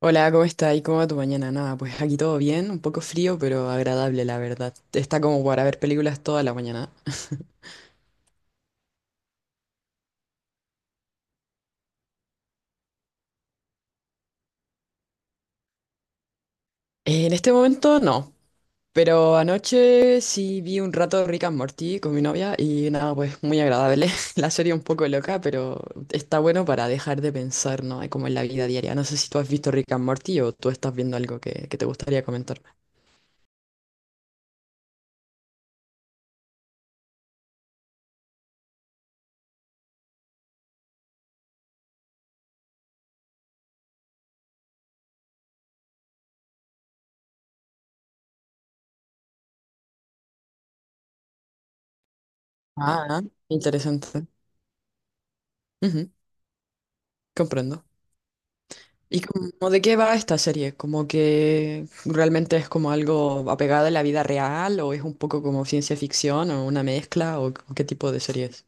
Hola, ¿cómo está? ¿Y cómo va tu mañana? Nada, pues aquí todo bien, un poco frío, pero agradable, la verdad. Está como para ver películas toda la mañana. En este momento no, pero anoche sí vi un rato Rick and Morty con mi novia y nada, pues muy agradable. La serie un poco loca, pero está bueno para dejar de pensar, ¿no? Como en la vida diaria. No sé si tú has visto Rick and Morty o tú estás viendo algo que te gustaría comentarme. Ah, interesante. Ujú, comprendo. ¿Y como de qué va esta serie? ¿Como que realmente es como algo apegado a la vida real o es un poco como ciencia ficción o una mezcla o qué tipo de serie es?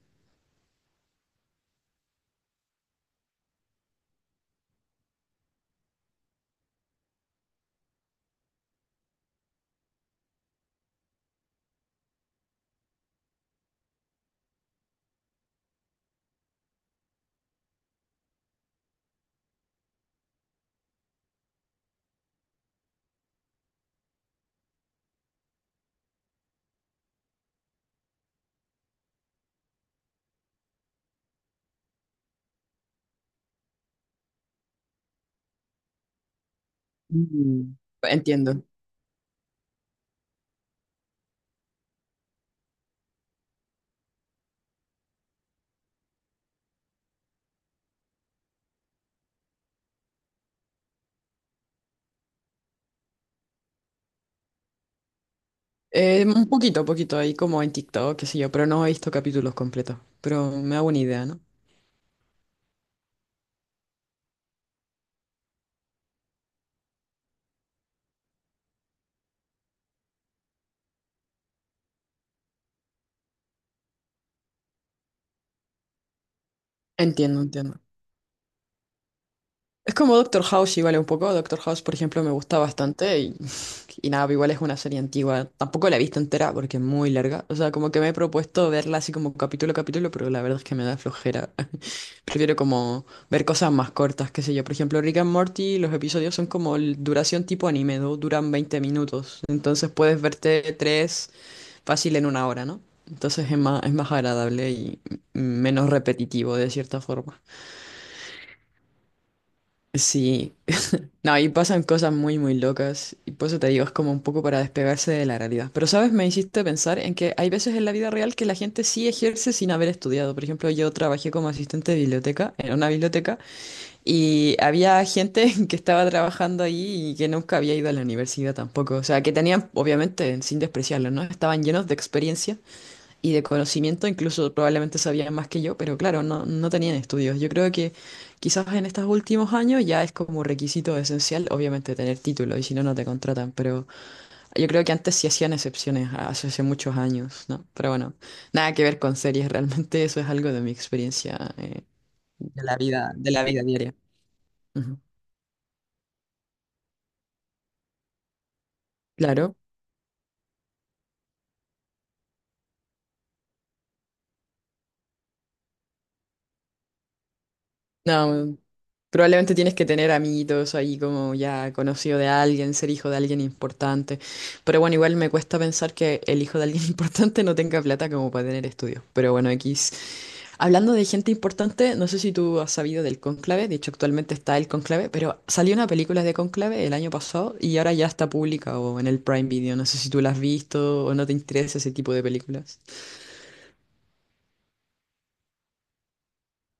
Mm. Entiendo. Un poquito ahí como en TikTok, qué sé yo, pero no he visto capítulos completos, pero me hago una idea, ¿no? Entiendo, entiendo. Es como Doctor House, igual un poco. Doctor House, por ejemplo, me gusta bastante y, y nada, igual es una serie antigua. Tampoco la he visto entera porque es muy larga. O sea, como que me he propuesto verla así como capítulo a capítulo, pero la verdad es que me da flojera. Prefiero como ver cosas más cortas, qué sé yo. Por ejemplo, Rick and Morty, los episodios son como duración tipo anime, ¿no? Duran 20 minutos. Entonces puedes verte tres fácil en una hora, ¿no? Entonces es más agradable y menos repetitivo de cierta forma. Sí. No, ahí pasan cosas muy, muy locas y por eso te digo, es como un poco para despegarse de la realidad. Pero, ¿sabes? Me hiciste pensar en que hay veces en la vida real que la gente sí ejerce sin haber estudiado. Por ejemplo, yo trabajé como asistente de biblioteca, en una biblioteca, y había gente que estaba trabajando ahí y que nunca había ido a la universidad tampoco. O sea, que tenían, obviamente, sin despreciarlo, ¿no? Estaban llenos de experiencia y de conocimiento, incluso probablemente sabían más que yo, pero claro, no tenían estudios. Yo creo que quizás en estos últimos años ya es como requisito esencial, obviamente, tener título, y si no, no te contratan, pero yo creo que antes sí hacían excepciones, hace muchos años, ¿no? Pero bueno, nada que ver con series, realmente eso es algo de mi experiencia, de la vida diaria. Ujú. Claro. No, probablemente tienes que tener amiguitos ahí como ya conocido de alguien, ser hijo de alguien importante. Pero bueno, igual me cuesta pensar que el hijo de alguien importante no tenga plata como para tener estudios. Pero bueno, X. Hablando de gente importante, no sé si tú has sabido del Cónclave, de hecho actualmente está el Cónclave, pero salió una película de Cónclave el año pasado y ahora ya está pública o en el Prime Video. No sé si tú la has visto o no te interesa ese tipo de películas.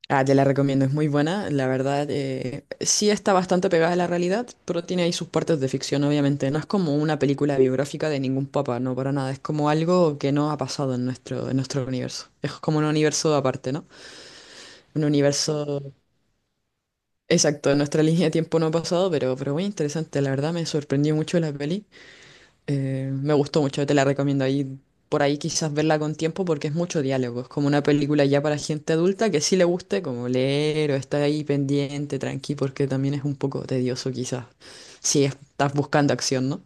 Ah, te la recomiendo, es muy buena, la verdad. Sí está bastante pegada a la realidad, pero tiene ahí sus partes de ficción, obviamente. No es como una película biográfica de ningún papa, no, para nada. Es como algo que no ha pasado en nuestro universo. Es como un universo aparte, ¿no? Un universo exacto, en nuestra línea de tiempo no ha pasado, pero muy interesante. La verdad me sorprendió mucho la peli. Me gustó mucho, te la recomiendo ahí. Por ahí quizás verla con tiempo porque es mucho diálogo. Es como una película ya para gente adulta que sí le guste como leer o estar ahí pendiente, tranqui, porque también es un poco tedioso quizás. Si es- ¿Estás buscando acción, no?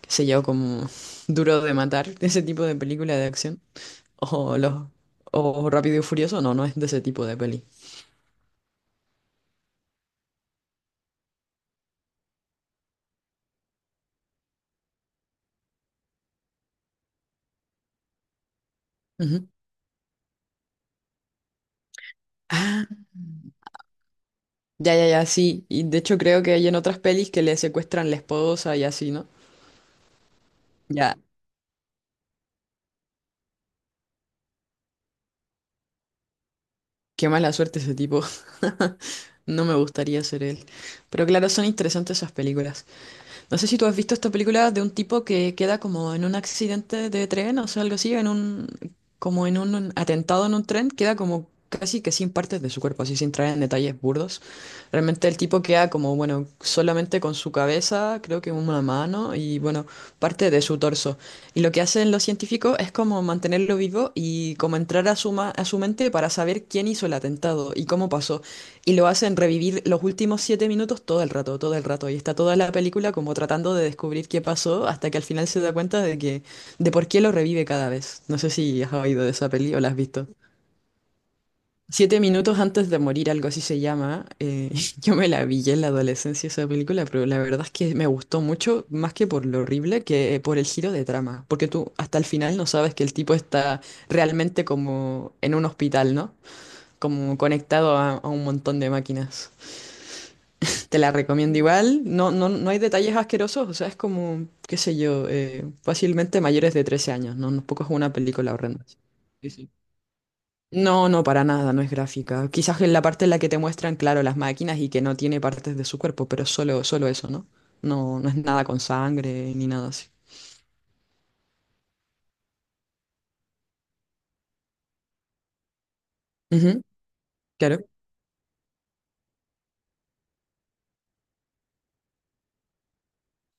Qué sé yo, como Duro de Matar, ese tipo de película de acción. O, los, o Rápido y Furioso, no, no es de ese tipo de peli. Ujú. Ah, ya, ya, ya, sí. Y de hecho creo que hay en otras pelis que le secuestran la esposa y así, ¿no? Ya. Qué mala suerte ese tipo. No me gustaría ser él. Pero claro, son interesantes esas películas. No sé si tú has visto esta película de un tipo que queda como en un accidente de tren, o sea, algo así, como en un atentado en un tren, queda como casi que sin partes de su cuerpo, así sin traer en detalles burdos. Realmente el tipo queda como, bueno, solamente con su cabeza, creo que una mano y, bueno, parte de su torso. Y lo que hacen los científicos es como mantenerlo vivo y como entrar a su mente para saber quién hizo el atentado y cómo pasó. Y lo hacen revivir los últimos siete minutos todo el rato, todo el rato. Y está toda la película como tratando de descubrir qué pasó hasta que al final se da cuenta de por qué lo revive cada vez. No sé si has oído de esa peli o la has visto. Siete minutos antes de morir, algo así se llama. Yo me la vi ya en la adolescencia esa película, pero la verdad es que me gustó mucho, más que por lo horrible, que por el giro de trama. Porque tú hasta el final no sabes que el tipo está realmente como en un hospital, ¿no? Como conectado a un montón de máquinas. Te la recomiendo igual. No hay detalles asquerosos, o sea, es como, qué sé yo, fácilmente mayores de 13 años, ¿no? No poco es una película horrenda. Sí, sí. No, no, para nada, no es gráfica. Quizás en la parte en la que te muestran, claro, las máquinas y que no tiene partes de su cuerpo, pero solo eso, ¿no? No, no es nada con sangre ni nada así. Ujú, claro.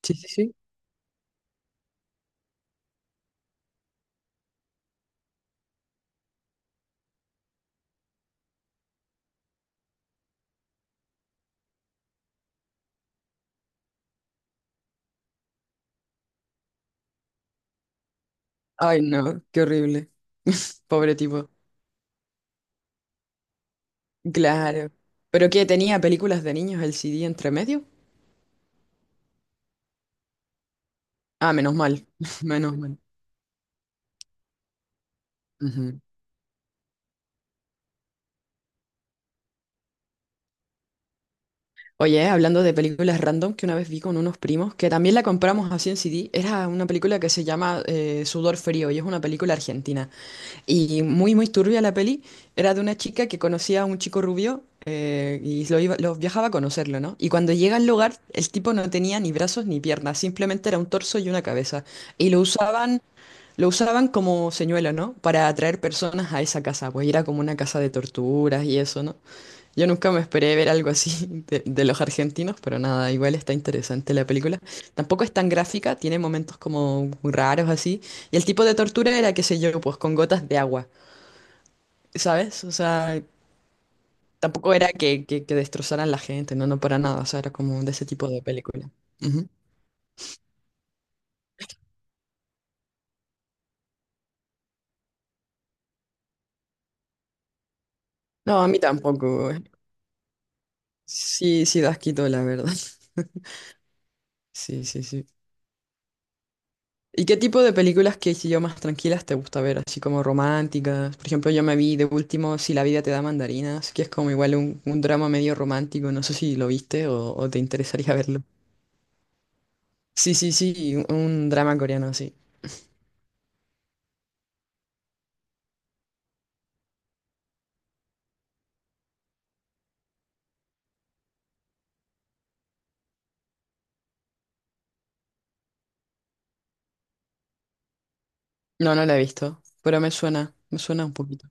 Sí, sí, sí. Ay, no, qué horrible. Pobre tipo. Claro. ¿Pero qué? ¿Tenía películas de niños el CD entre medio? Ah, menos mal. Menos mal. Oye, hablando de películas random que una vez vi con unos primos, que también la compramos así en CD, era una película que se llama Sudor Frío y es una película argentina. Y muy, muy turbia la peli. Era de una chica que conocía a un chico rubio y lo viajaba a conocerlo, ¿no? Y cuando llega al lugar, el tipo no tenía ni brazos ni piernas, simplemente era un torso y una cabeza. Y lo usaban, lo usaban como señuelo, ¿no? Para atraer personas a esa casa, pues era como una casa de torturas y eso, ¿no? Yo nunca me esperé ver algo así de los argentinos, pero nada, igual está interesante la película. Tampoco es tan gráfica, tiene momentos como muy raros así. Y el tipo de tortura era, qué sé yo, pues con gotas de agua, ¿sabes? O sea, tampoco era que destrozaran la gente, no, no para nada, o sea, era como de ese tipo de película. Ujú. No, a mí tampoco. Sí, sí, da asquito, la verdad. Sí, sí, sí. ¿Y qué tipo de películas que si yo más tranquilas te gusta ver? Así como románticas. Por ejemplo, yo me vi de último Si la vida te da mandarinas, que es como igual un drama medio romántico. No sé si lo viste o te interesaría verlo. Sí, sí, sí, un drama coreano, sí. No, no la he visto, pero me suena un poquito.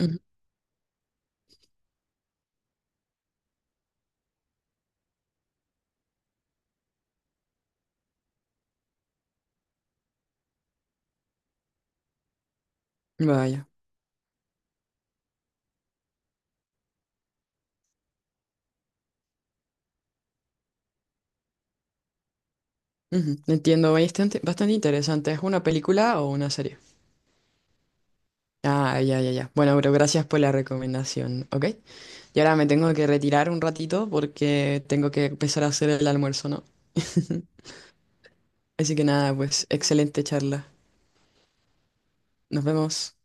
Ujú, Vaya. Ujú, entiendo, bastante, bastante interesante. ¿Es una película o una serie? Ah, ya, ya, ya. Bueno, pero gracias por la recomendación, ¿ok? Y ahora me tengo que retirar un ratito porque tengo que empezar a hacer el almuerzo, ¿no? Así que nada, pues excelente charla. Nos vemos.